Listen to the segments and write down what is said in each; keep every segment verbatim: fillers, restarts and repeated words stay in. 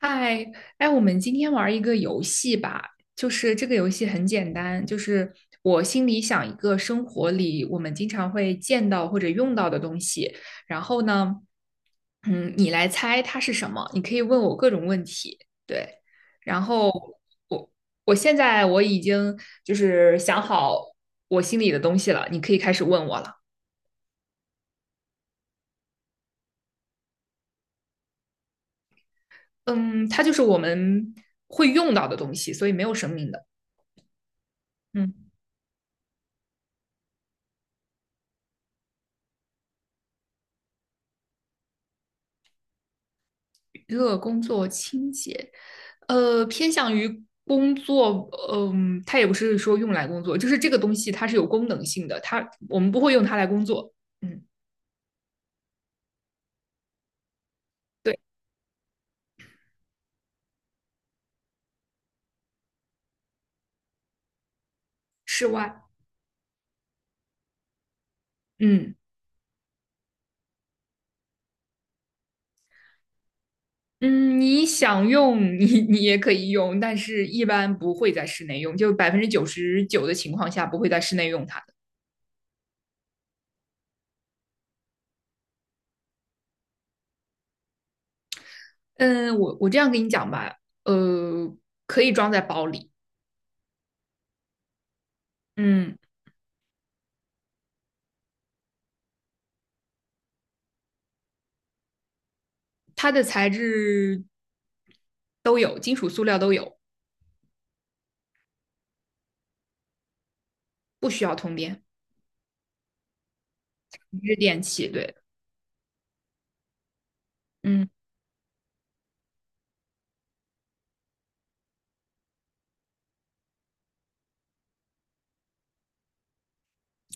嗨，哎，我们今天玩一个游戏吧，就是这个游戏很简单，就是我心里想一个生活里我们经常会见到或者用到的东西，然后呢，嗯，你来猜它是什么，你可以问我各种问题，对，然后我我现在我已经就是想好我心里的东西了，你可以开始问我了，嗯，它就是我们会用到的东西，所以没有生命的，嗯。热工作清洁，呃，偏向于工作，嗯，它也不是说用来工作，就是这个东西它是有功能性的，它我们不会用它来工作。嗯，对，室外，嗯嗯，你想用你你也可以用，但是一般不会在室内用，就百分之九十九的情况下不会在室内用它的。嗯，我我这样跟你讲吧，呃，可以装在包里，嗯，它的材质都有，金属、塑料都有。不需要通电，是电器。对，嗯，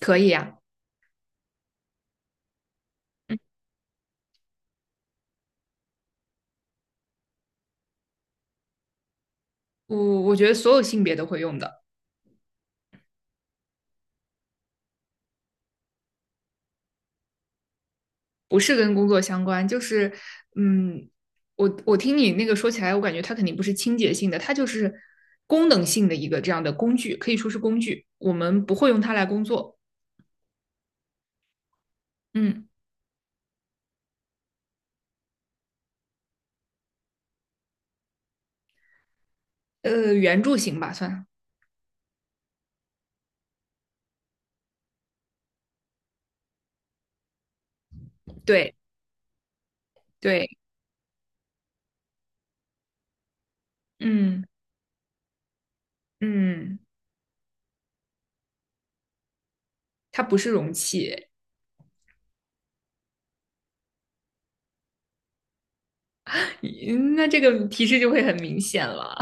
可以啊，我我觉得所有性别都会用的，不是跟工作相关，就是嗯，我我听你那个说起来，我感觉它肯定不是清洁性的，它就是功能性的一个这样的工具，可以说是工具，我们不会用它来工作。嗯，呃，圆柱形吧，算。对对，嗯嗯，它不是容器，那这个提示就会很明显了。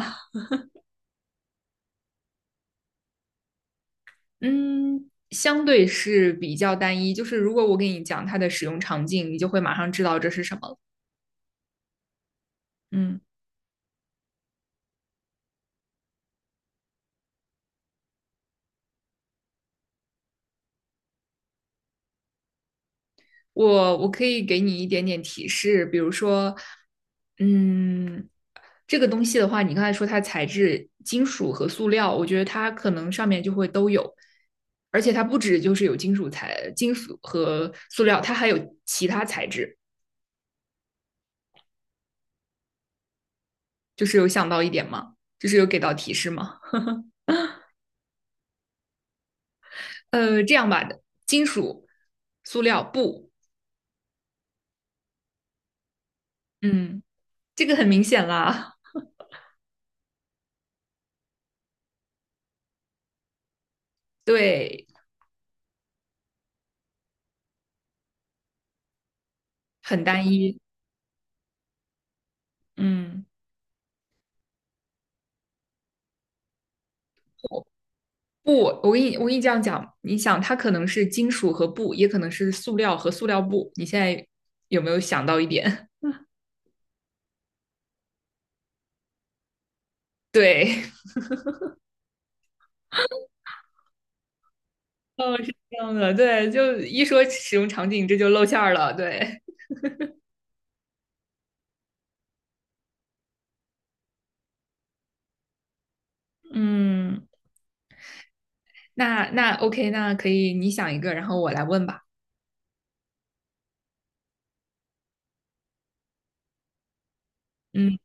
嗯，相对是比较单一，就是如果我给你讲它的使用场景，你就会马上知道这是什么了嗯，我我可以给你一点点提示，比如说，嗯，这个东西的话，你刚才说它材质金属和塑料，我觉得它可能上面就会都有，而且它不止就是有金属材、金属和塑料，它还有其他材质，就是有想到一点吗？就是有给到提示吗？呃，这样吧，金属、塑料、布。嗯，这个很明显啦，对，很单一。嗯，布，我跟你我跟你这样讲，你想它可能是金属和布，也可能是塑料和塑料布。你现在有没有想到一点？对，这样的，对，就一说使用场景，这就露馅儿了。对，嗯，那那 OK，那可以，你想一个，然后我来问吧。嗯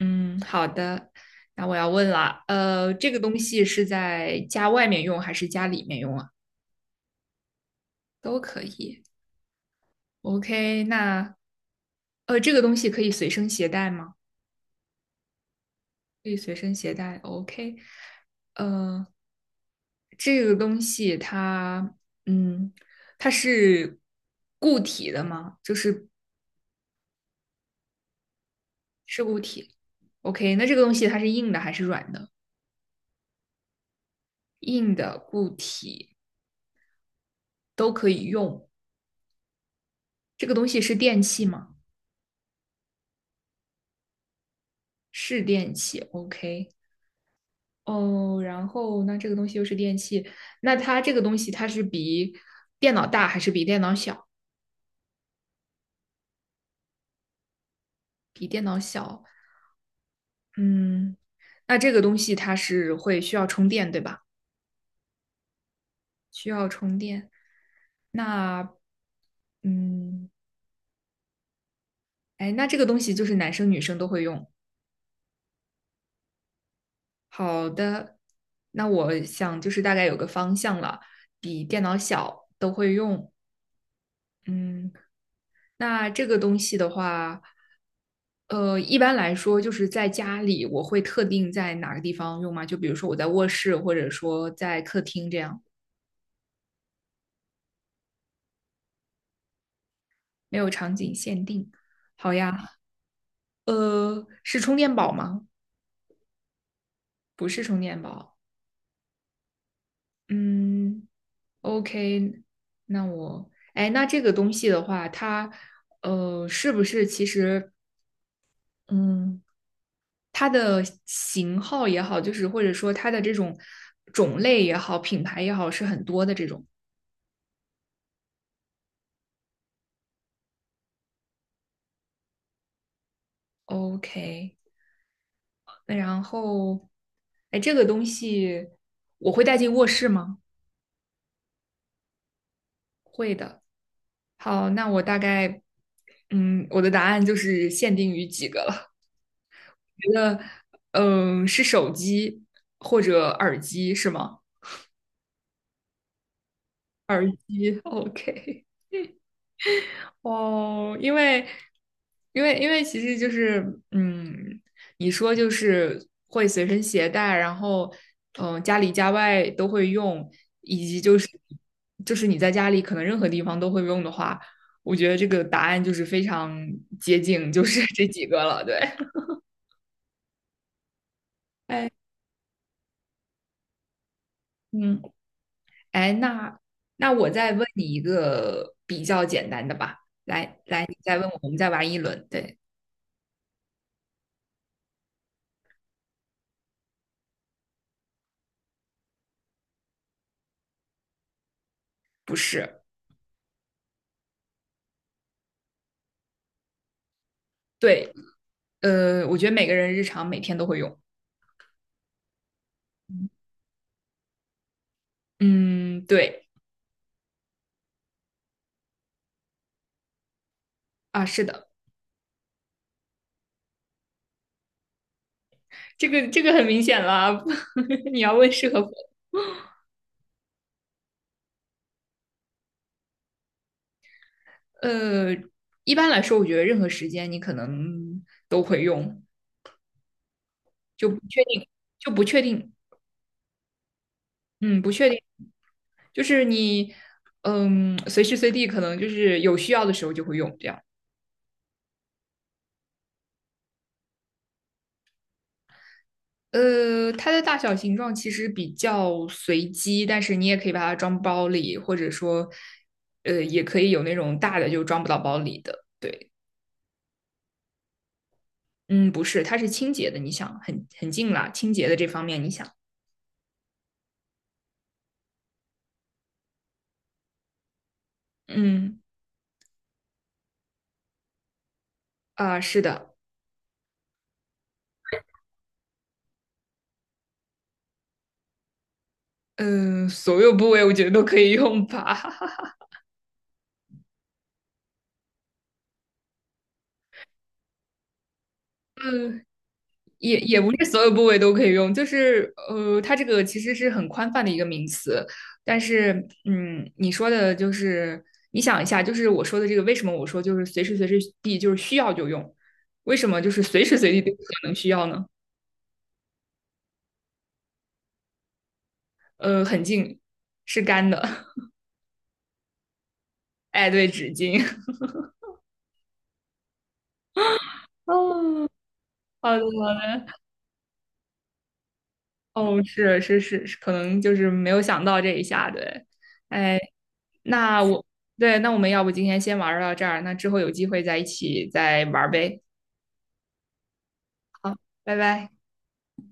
嗯，好的。那我要问了，呃，这个东西是在家外面用还是家里面用啊？都可以。OK，那呃，这个东西可以随身携带吗？可以随身携带。OK，呃，这个东西它，嗯，它是固体的吗？就是是固体。OK，那这个东西它是硬的还是软的？硬的、固体都可以用。这个东西是电器吗？是电器。OK，哦，然后那这个东西又是电器，那它这个东西它是比电脑大还是比电脑小？比电脑小。嗯，那这个东西它是会需要充电，对吧？需要充电。那，嗯，哎，那这个东西就是男生女生都会用。好的，那我想就是大概有个方向了，比电脑小都会用。嗯，那这个东西的话，呃，一般来说就是在家里我会特定在哪个地方用吗？就比如说我在卧室，或者说在客厅这样。没有场景限定。好呀，呃，是充电宝吗？不是充电宝。嗯，OK，那我，哎，那这个东西的话，它，呃，是不是其实，嗯，它的型号也好，就是或者说它的这种种类也好，品牌也好，是很多的这种。OK，那然后，哎，这个东西我会带进卧室吗？会的。好，那我大概，嗯，我的答案就是限定于几个了。觉得，嗯，是手机或者耳机是吗？耳机，OK。哦，因为，因为，因为其实就是，嗯，你说就是会随身携带，然后，嗯，家里家外都会用，以及就是，就是你在家里可能任何地方都会用的话，我觉得这个答案就是非常接近，就是这几个了，对。哎，嗯，哎，那那我再问你一个比较简单的吧，来来，你再问我，我们再玩一轮。对，不是，对，呃，我觉得每个人日常每天都会用。嗯，对，啊，是的，这个这个很明显了啊 你要问适合不？呃，一般来说，我觉得任何时间你可能都会用，就不确定，就不确定，嗯，不确定，就是你，嗯，随时随地可能就是有需要的时候就会用，这样。呃，它的大小形状其实比较随机，但是你也可以把它装包里，或者说，呃，也可以有那种大的就装不到包里的。对，嗯，不是，它是清洁的，你想，很很近啦，清洁的这方面，你想，嗯啊，是的，嗯，所有部位我觉得都可以用吧。也也不是所有部位都可以用，就是呃，它这个其实是很宽泛的一个名词，但是嗯，你说的就是你想一下，就是我说的这个，为什么我说就是随时随地就是需要就用，为什么就是随时随地都可能需要呢？呃，很近是干的，哎，对，纸巾。哦，好的，哦，是是是，是可能就是没有想到这一下，对，哎，那我，对，那我们要不今天先玩儿到这儿，那之后有机会再一起再玩儿呗。好，拜拜。